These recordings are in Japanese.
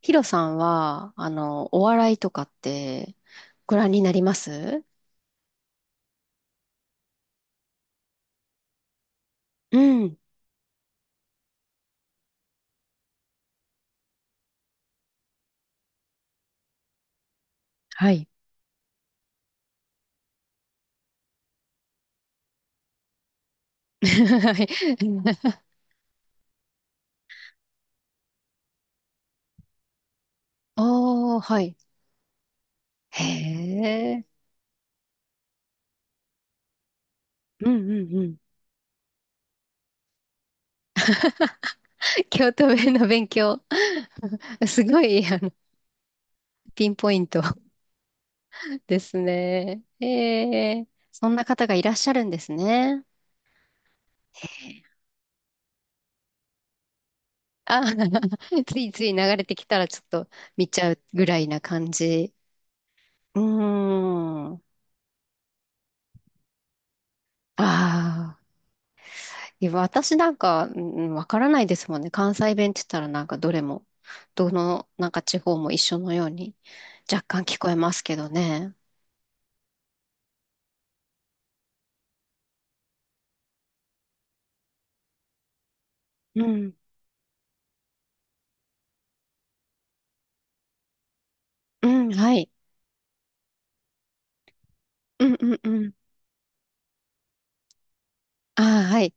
ヒロさんは、お笑いとかってご覧になります？うん。はい。はいお ー、はい。へえ。うんうんうん。京都弁の勉強。すごい、ピンポイントですね。へえ。そんな方がいらっしゃるんですね。へえ。あ、ついつい流れてきたらちょっと見ちゃうぐらいな感じ。うーん。ああ。いや、私なんか、うん、わからないですもんね。関西弁って言ったらなんかどれも、どのなんか地方も一緒のように若干聞こえますけどね。うん。うん、はい。うんうんうん。ああ、はい。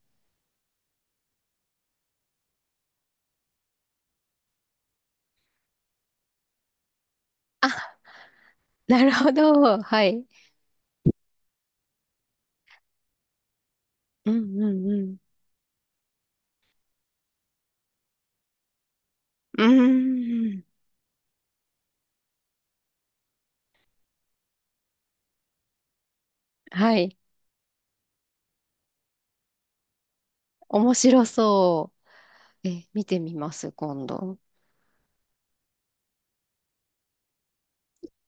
あ、なるほど。はい。うんうんうん。うーん。はい。面白そう。え、見てみます、今度。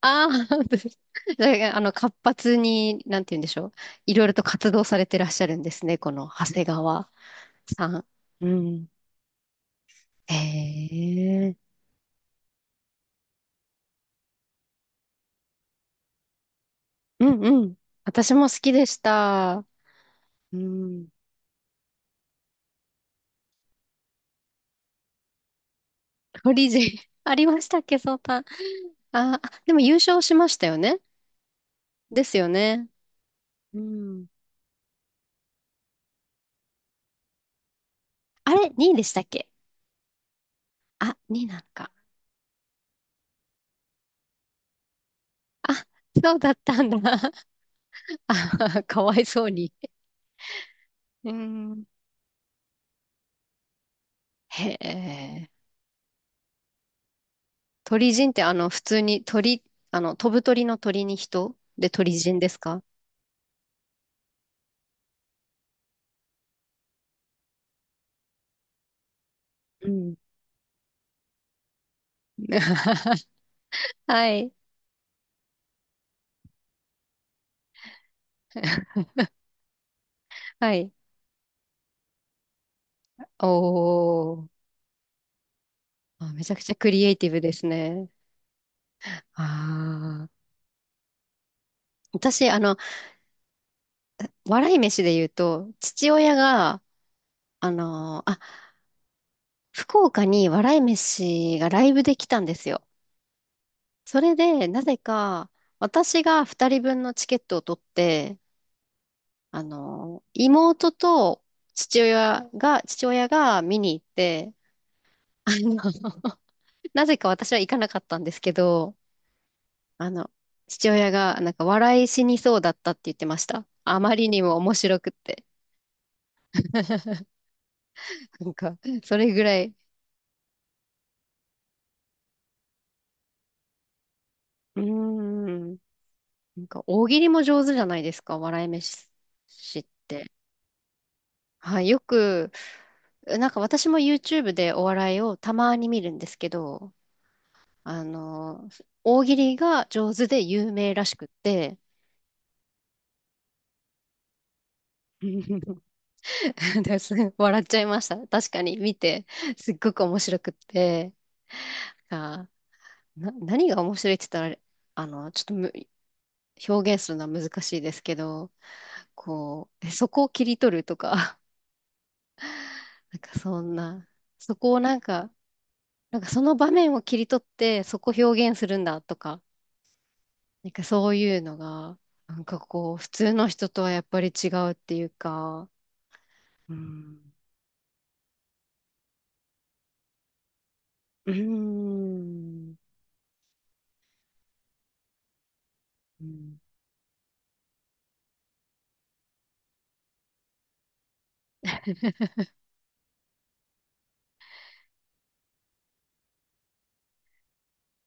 ああ、本当です。だから 活発に、なんて言うんでしょう。いろいろと活動されてらっしゃるんですね、この長谷川。さん。うん。へえ。うんうん。私も好きでした。うん。フリージー ありましたっけ、そうたん。あー、あ、でも優勝しましたよね。ですよね。うん。あれ、2位でしたっけ？あ、2位なのか。あ、そうだったんだ。あ、かわいそうに。うん。へえ。鳥人って普通に鳥、飛ぶ鳥の鳥に人で鳥人ですか？うん。はい。はい。おー。あ、めちゃくちゃクリエイティブですね。ああ。私、笑い飯で言うと、父親が、あの、あ、福岡に笑い飯がライブで来たんですよ。それで、なぜか、私が2人分のチケットを取って、妹と父親が見に行って、あの、なぜか私は行かなかったんですけど、あの、父親が、なんか、笑い死にそうだったって言ってました。あまりにも面白くって。なんか、それぐらい。うーん。なんか、大喜利も上手じゃないですか、笑い飯って。はい、よく、なんか私も YouTube でお笑いをたまに見るんですけど、あの、大喜利が上手で有名らしくって、です笑っちゃいました。確かに見て、すっごく面白くって。あー、何が面白いって言ったら、ちょっと表現するのは難しいですけど、こう、そこを切り取るとか、なんかそんな、そこをなんか、なんかその場面を切り取ってそこを表現するんだとか、なんかそういうのが、なんかこう、普通の人とはやっぱり違うっていうか、うん、うーん、うん、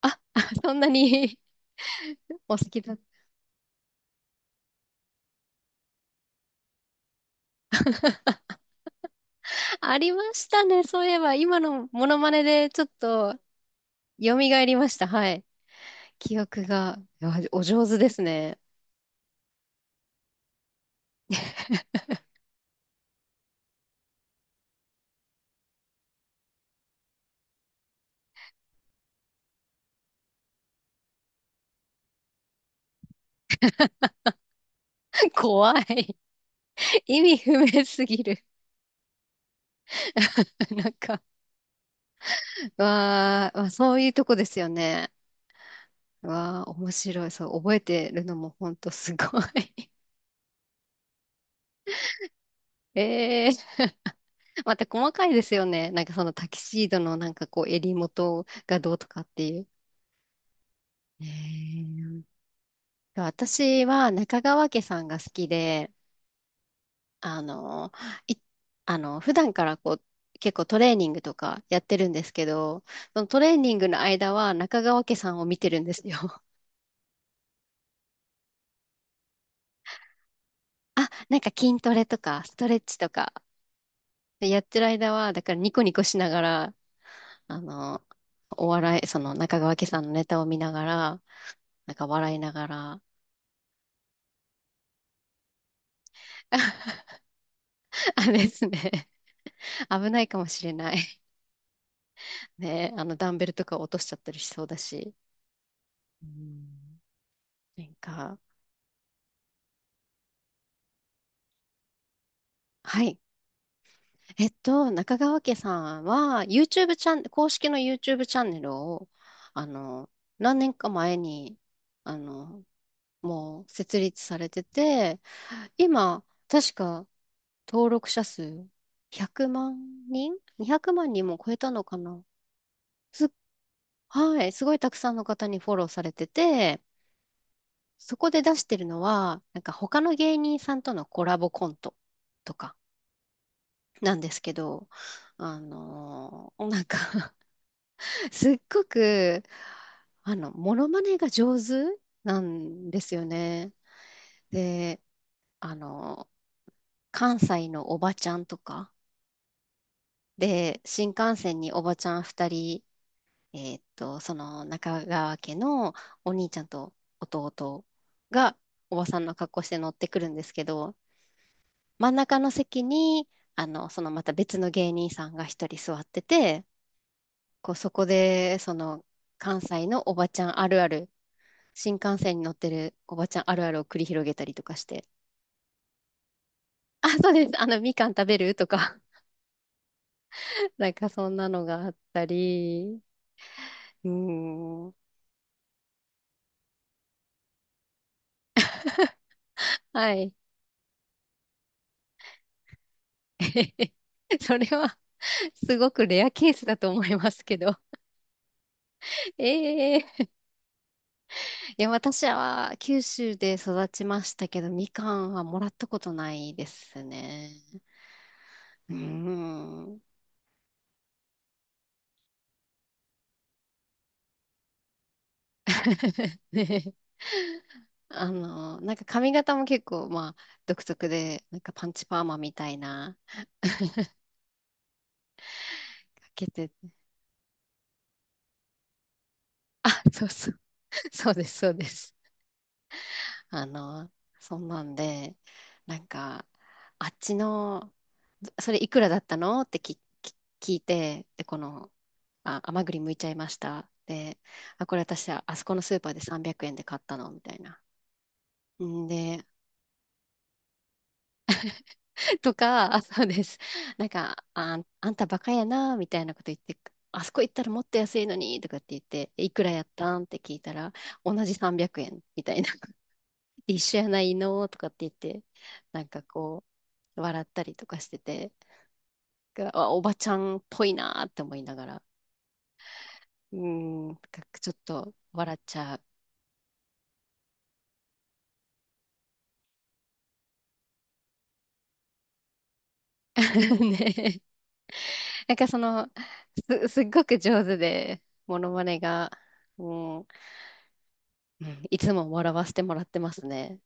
あ、そんなに お好きだ。ありましたね。そういえば、今のモノマネでちょっと蘇りました。はい。記憶が、いやお上手ですね。怖い。意味不明すぎる。なんか、わー、まあ、そういうとこですよね。わー、面白い。そう、覚えてるのもほんとすごい。えー、また細かいですよね。なんかそのタキシードのなんかこう襟元がどうとかっていう。えー、私は中川家さんが好きで、あの、い、あの、普段からこう、結構トレーニングとかやってるんですけど、そのトレーニングの間は中川家さんを見てるんですよ。あ、なんか筋トレとかストレッチとかでやってる間は、だからニコニコしながら、あの、お笑い、その中川家さんのネタを見ながら、なんか笑いながら、あれですね、危ないかもしれない。ね、ダンベルとか落としちゃったりしそうだし、うん、なんか、はい。中川家さんは、YouTube チャン、公式の YouTube チャンネルを、あの、何年か前に、あの、もう設立されてて、今、確か登録者数100万人 ?200 万人も超えたのかな。す、はい、すごいたくさんの方にフォローされてて、そこで出してるのは、なんか他の芸人さんとのコラボコントとかなんですけど、なんか すっごく、モノマネが上手なんですよね。で、あの、関西のおばちゃんとか、で、新幹線におばちゃん2人、その中川家のお兄ちゃんと弟がおばさんの格好して乗ってくるんですけど、真ん中の席に、そのまた別の芸人さんが1人座ってて、こう、そこで、その関西のおばちゃんあるある、新幹線に乗ってるおばちゃんあるあるを繰り広げたりとかして。あ、そうです。みかん食べるとか。なんかそんなのがあったり。うーん。はい。それはすごくレアケースだと思いますけど。ええ、いや、私は九州で育ちましたけど、みかんはもらったことないですね。うーん。ね、なんか髪型も結構、まあ、独特で、なんかパンチパーマみたいな、かけて、あ、そうそう、そうです、そうです。あの、そんなんで、なんか、あっちの、それいくらだったのって聞いて、で、この、あ、甘栗剥いちゃいました。で、あ、これ私、あそこのスーパーで300円で買ったの、みたいな。んで、とか、あ、そうです。なんか、あ、あんたバカやな、みたいなこと言って、あそこ行ったらもっと安いのに、とかって言って、いくらやったんって聞いたら、同じ300円、みたいな。一緒やないの、とかって言って、なんかこう、笑ったりとかしてて、があ、おばちゃんっぽいなって思いながら、うーん、なんかちょっと笑っちゃう。ね。なんかその、すっごく上手で、モノマネが、うん、うん、いつも笑わせてもらってますね。